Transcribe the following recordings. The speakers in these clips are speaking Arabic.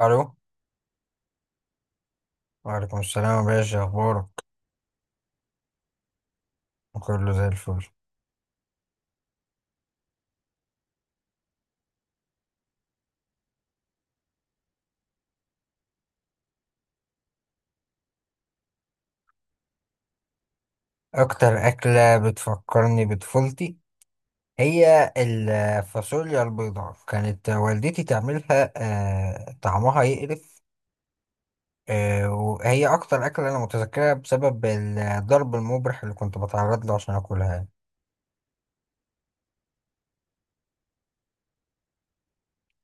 الو. وعليكم السلام يا باشا، اخبارك؟ كله زي الفل. اكتر اكله بتفكرني بطفولتي هي الفاصوليا البيضاء، كانت والدتي تعملها. طعمها يقرف. وهي اكتر اكله انا متذكرها بسبب الضرب المبرح اللي كنت بتعرض له عشان اكلها.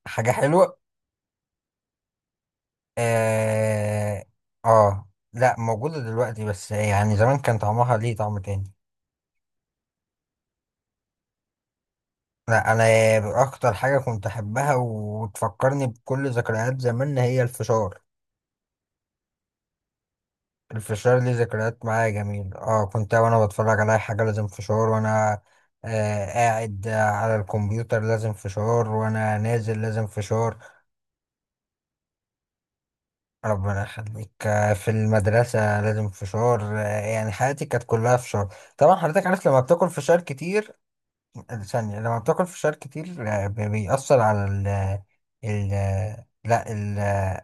حاجه حلوه. اه. آه، لا، موجوده دلوقتي بس يعني زمان كان طعمها ليه طعم تاني. لا، انا اكتر حاجه كنت احبها وتفكرني بكل ذكريات زمان هي الفشار. الفشار ليه ذكريات معايا جميل. اه، كنت وانا بتفرج على أي حاجه لازم فشار، وانا قاعد على الكمبيوتر لازم فشار، وانا نازل لازم فشار. ربنا يخليك. في المدرسه لازم فشار. يعني حياتي كانت كلها فشار، طبعا حضرتك عارف لما بتاكل فشار كتير ثانية، لما بتاكل فشار كتير بيأثر على ال ال لا،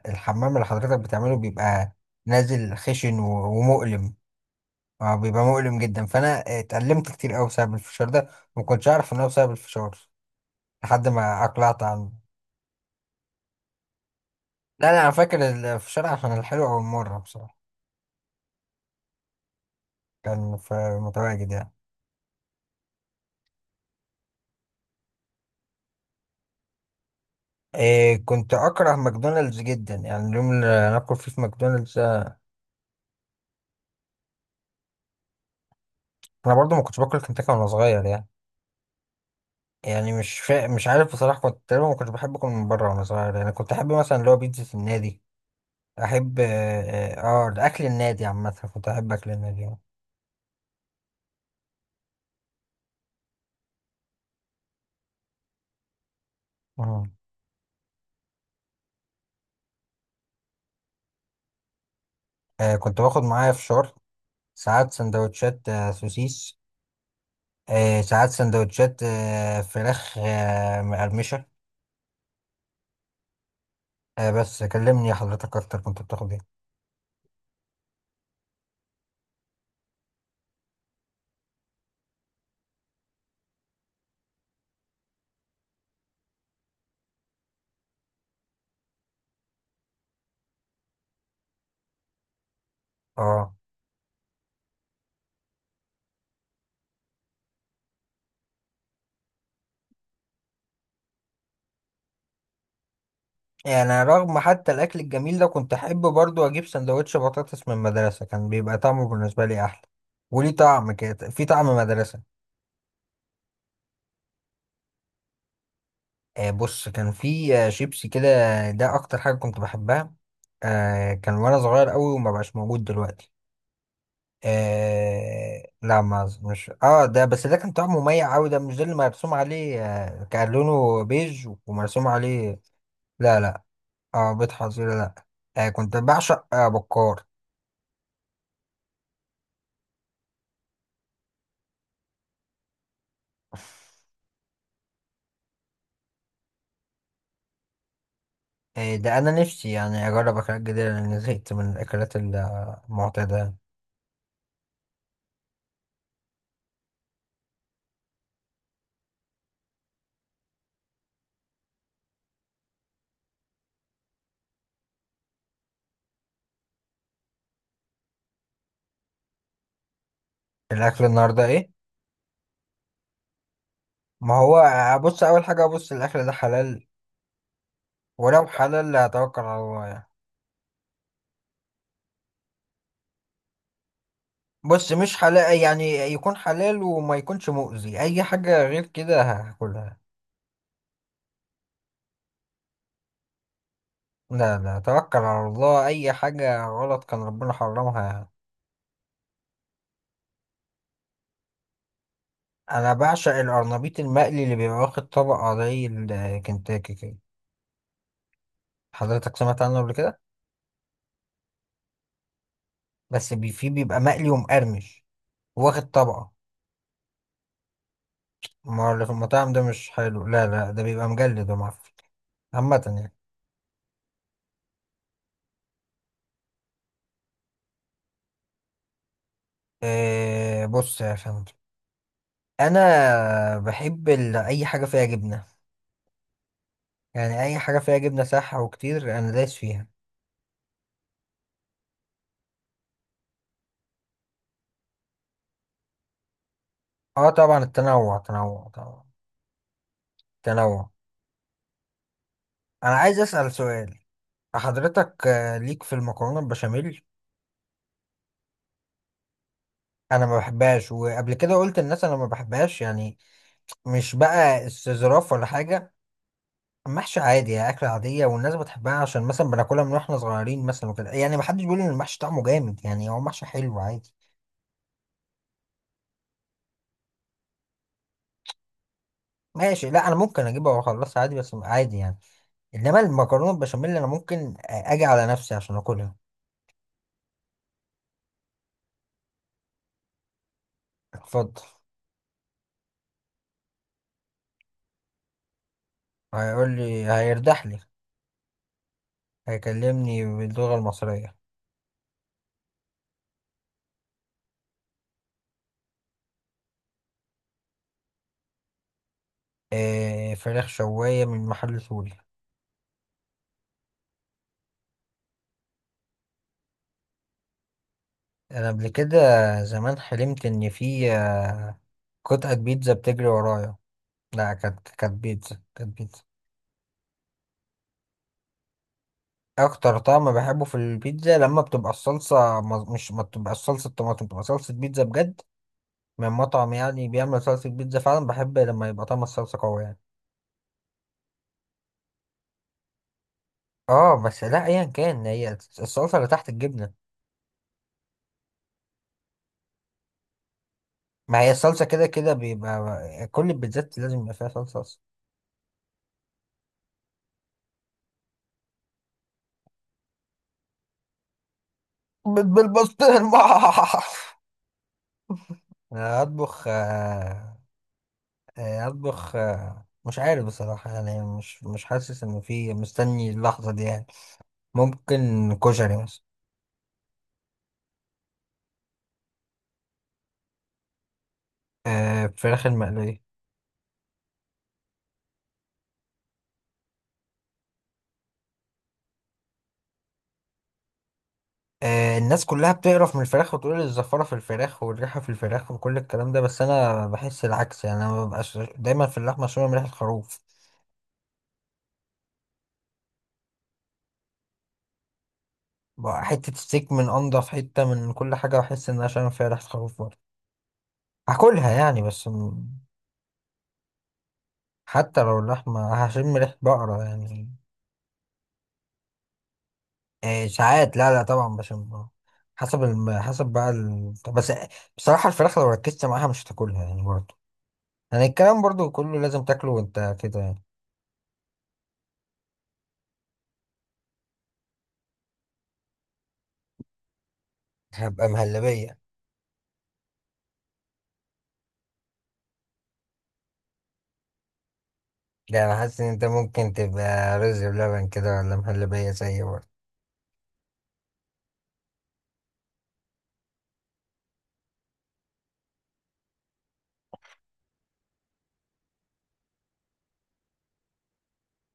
الحمام اللي حضرتك بتعمله بيبقى نازل خشن ومؤلم. بيبقى مؤلم جدا، فأنا اتألمت كتير أوي بسبب الفشار ده. ما كنتش أعرف إن هو بسبب الفشار لحد ما أقلعت عنه. لا، لا، أنا فاكر الفشار عشان الحلو. أول مرة بصراحة كان في، متواجد يعني. إيه، كنت أكره ماكدونالدز جدا، يعني اليوم اللي ناكل فيه في ماكدونالدز. أنا برضو ما كنتش باكل كنتاكي وأنا صغير يعني. يعني مش عارف بصراحة، كنت تقريبا ما كنتش بحب أكل من بره وأنا صغير، يعني كنت أحب مثلا اللي هو بيتزا النادي. أحب أكل النادي عامة، كنت أحب أكل النادي. مم. كنت باخد معايا فشار، ساعات سندوتشات سوسيس، ساعات سندوتشات فراخ مقرمشة. بس كلمني حضرتك أكتر، كنت بتاخد إيه؟ آه يعني رغم حتى الأكل الجميل ده، كنت أحب برضو أجيب سندوتش بطاطس من المدرسة، كان بيبقى طعمه بالنسبة لي أحلى. وليه طعم كده، في طعم مدرسة. بص، كان في شيبسي كده، ده اكتر حاجه كنت بحبها. كان وانا صغير قوي وما بقاش موجود دلوقتي. لا ما أظ- مش، ده بس ده كان طعمه مميع قوي، ده مش ده اللي مرسوم عليه. كان لونه بيج ومرسوم عليه. لا، لا، اه بيض حظيره لا. كنت بعشق بكار. ده انا نفسي يعني اجرب اكلات جديده لان زهقت من الاكلات المعتاده. الاكل النهارده ايه؟ ما هو ابص، اول حاجه ابص الاكل ده حلال. ولو حلال هتوكل على الله يعني. بص، مش حلال يعني، يكون حلال وما يكونش مؤذي، اي حاجة غير كده هاكلها. لا، لا، توكل على الله، اي حاجة غلط كان ربنا حرمها يعني. انا بعشق القرنبيط المقلي اللي بيبقى واخد طبقة زي الكنتاكي كده. حضرتك سمعت عنه قبل كده؟ بس فيه بيبقى مقلي ومقرمش، واخد طبقة. ما هو اللي في المطاعم ده مش حلو، لا لا، ده بيبقى مجلد ومعفن. عامة يعني. إيه، بص يا فندم، انا بحب اي حاجه فيها جبنه. يعني اي حاجه فيها جبنه، صح، وكتير انا دايس فيها. اه طبعا، التنوع، تنوع طبعا. تنوع. انا عايز اسال سؤال. حضرتك ليك في المكرونه البشاميل؟ انا ما بحبهاش، وقبل كده قلت للناس انا ما بحبهاش يعني، مش بقى استظراف ولا حاجه. محشي عادي يعني، اكله عاديه والناس بتحبها عشان مثلا بناكلها من واحنا صغيرين مثلا وكده، يعني ما حدش بيقول ان المحشي طعمه جامد يعني، هو محشي حلو عادي. ماشي، لا انا ممكن اجيبها واخلصها عادي، بس عادي يعني، انما المكرونه البشاميل انا ممكن اجي على نفسي عشان اكلها. اتفضل. هيقول لي هيرتاح لي. هيكلمني باللغه المصريه. إيه، فراخ شوايه من محل سوري. انا قبل كده، زمان، حلمت ان في قطعه بيتزا بتجري ورايا. لا، كانت بيتزا، كانت بيتزا. اكتر طعم بحبه في البيتزا لما بتبقى الصلصه، مز- مش ما بتبقى الصلصه طماطم، بتبقى صلصه بيتزا بجد، من مطعم يعني بيعمل صلصه بيتزا فعلا. بحب لما يبقى طعم الصلصه قوي يعني. اه بس، لا ايا كان، هي الصلصه اللي تحت الجبنه. ما هي الصلصه كده كده بيبقى كل البيتزات لازم يبقى فيها صلصه اصلا. بيت بالبسطرمه. أنا اطبخ اطبخ مش عارف بصراحه، يعني مش حاسس انه في مستني اللحظه دي يعني. ممكن كشري مثلا. فراخ المقليه. الناس كلها بتقرف من الفراخ وتقول الزفارة في الفراخ والريحة في الفراخ وكل الكلام ده، بس أنا بحس العكس. يعني أنا مببقاش دايما، في اللحمة شوية من ريحة الخروف. بقى حتة ستيك من أنضف حتة، من كل حاجة بحس إن أنا شامم فيها ريحة خروف برضه. هاكلها يعني. حتى لو اللحمة، هشم ريحة بقرة يعني. إيه ساعات، لا لا طبعا بشم. حسب بقى طب بس، بصراحة الفراخ لو ركزت معاها مش هتاكلها يعني برضه. يعني الكلام برضه كله لازم تاكله وأنت كده يعني. هبقى مهلبية. ده أنا حاسس إن أنت ممكن تبقى رز بلبن كده ولا مهلبية زي برضه.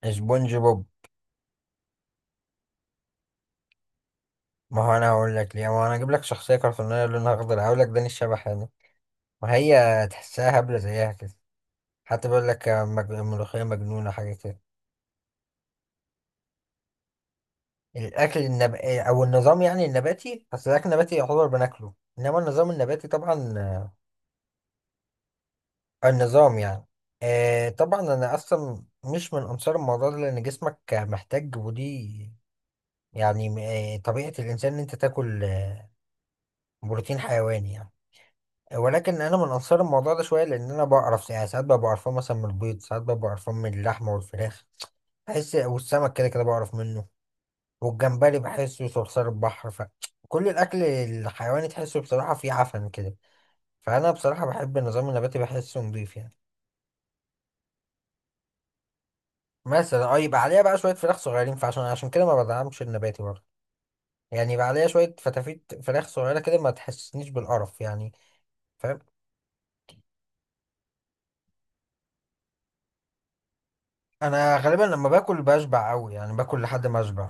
اسبونج بوب. ما هو انا هقول لك ليه، ما هو انا اجيب لك شخصيه كرتونيه لونها اخضر هقول لك داني الشبح يعني. وهي، تحسها هبله زيها كده، حتى بيقول لك ملوخيه مجنونه حاجه كده. او النظام يعني النباتي، اصل الاكل النباتي يعتبر بناكله. انما النظام النباتي طبعا، النظام يعني. طبعا انا اصلا مش من انصار الموضوع ده لان جسمك محتاج ودي يعني. طبيعه الانسان ان انت تاكل بروتين حيواني يعني. ولكن انا من انصار الموضوع ده شويه، لان انا بعرف يعني، ساعات ببقى بعرفه مثلا من البيض، ساعات ببقى بعرفه من اللحمه والفراخ، بحس، والسمك كده كده بعرف منه، والجمبري بحسه صرصار البحر، فكل الاكل الحيواني تحسه بصراحه فيه عفن كده. فانا بصراحه بحب النظام النباتي، بحسه نضيف يعني. مثلا اه، يبقى عليها بقى شويه فراخ صغيرين، فعشان كده ما بدعمش النباتي برضه. يعني يبقى عليها شويه فتافيت فراخ صغيره كده، ما تحسسنيش بالقرف يعني. فاهم؟ انا غالبا لما باكل بشبع قوي يعني، باكل لحد ما اشبع.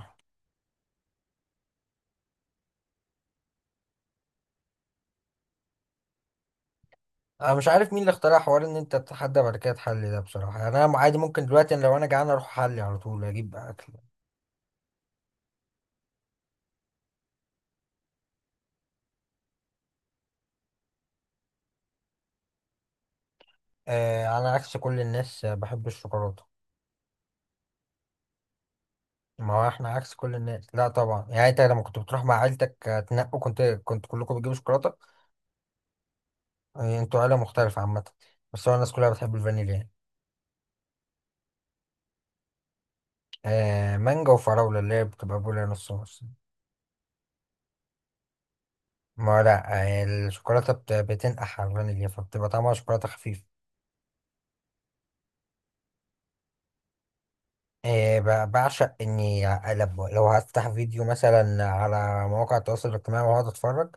انا مش عارف مين اللي اخترع حوار ان انت تتحدى بعد كده تحلي ده، بصراحه يعني انا عادي ممكن دلوقتي، أنا لو انا جعان اروح احلي على طول اجيب اكل. على عكس كل الناس، بحب الشوكولاته. ما هو احنا عكس كل الناس، لا طبعا يعني، انت لما كنت بتروح مع عيلتك تنقوا، كنت كلكم بتجيبوا شوكولاته. انتوا عيله مختلفه عامه، بس هو الناس كلها بتحب الفانيليا يعني. مانجا وفراوله اللي هي بتبقى بولا، نص نص. ما هو لا، الشوكولاته بتنقح على الفانيليا فبتبقى طعمها شوكولاته خفيف. إيه، بعشق اني اقلب، لو هفتح فيديو مثلا على مواقع التواصل الاجتماعي واقعد اتفرج،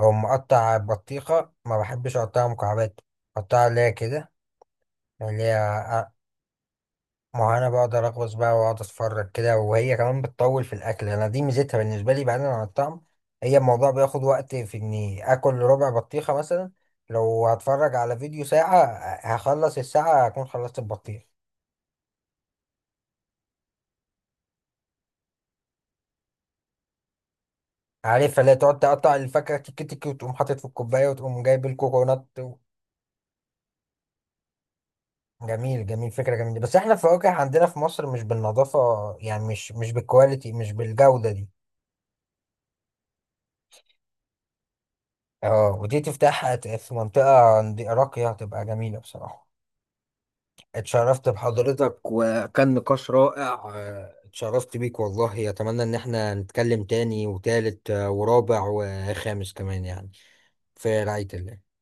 او مقطع بطيخه ما بحبش اقطعها مكعبات، اقطعها اللي هي كده، اللي هي أ- ما هو انا بقدر اغوص بقى واقعد اتفرج كده، وهي كمان بتطول في الاكل، انا دي ميزتها بالنسبه لي بعيدا عن الطعم. هي الموضوع بياخد وقت في اني اكل ربع بطيخه مثلا، لو هتفرج على فيديو ساعه هخلص الساعه هكون خلصت البطيخ. عارفها اللي هي تقعد تقطع الفاكهة تيكي تيكي، وتقوم حاطط في الكوباية، وتقوم جايب الكوكونات. جميل، جميل، فكرة جميلة، بس احنا الفواكه عندنا في مصر مش بالنظافة، يعني مش بالكواليتي، مش بالجودة دي. اه، ودي تفتحها في منطقة راقية هتبقى جميلة بصراحة. اتشرفت بحضرتك، وكان نقاش رائع. اتشرفت بيك والله، اتمنى ان احنا نتكلم تاني وتالت ورابع وخامس كمان يعني. في رعاية الله.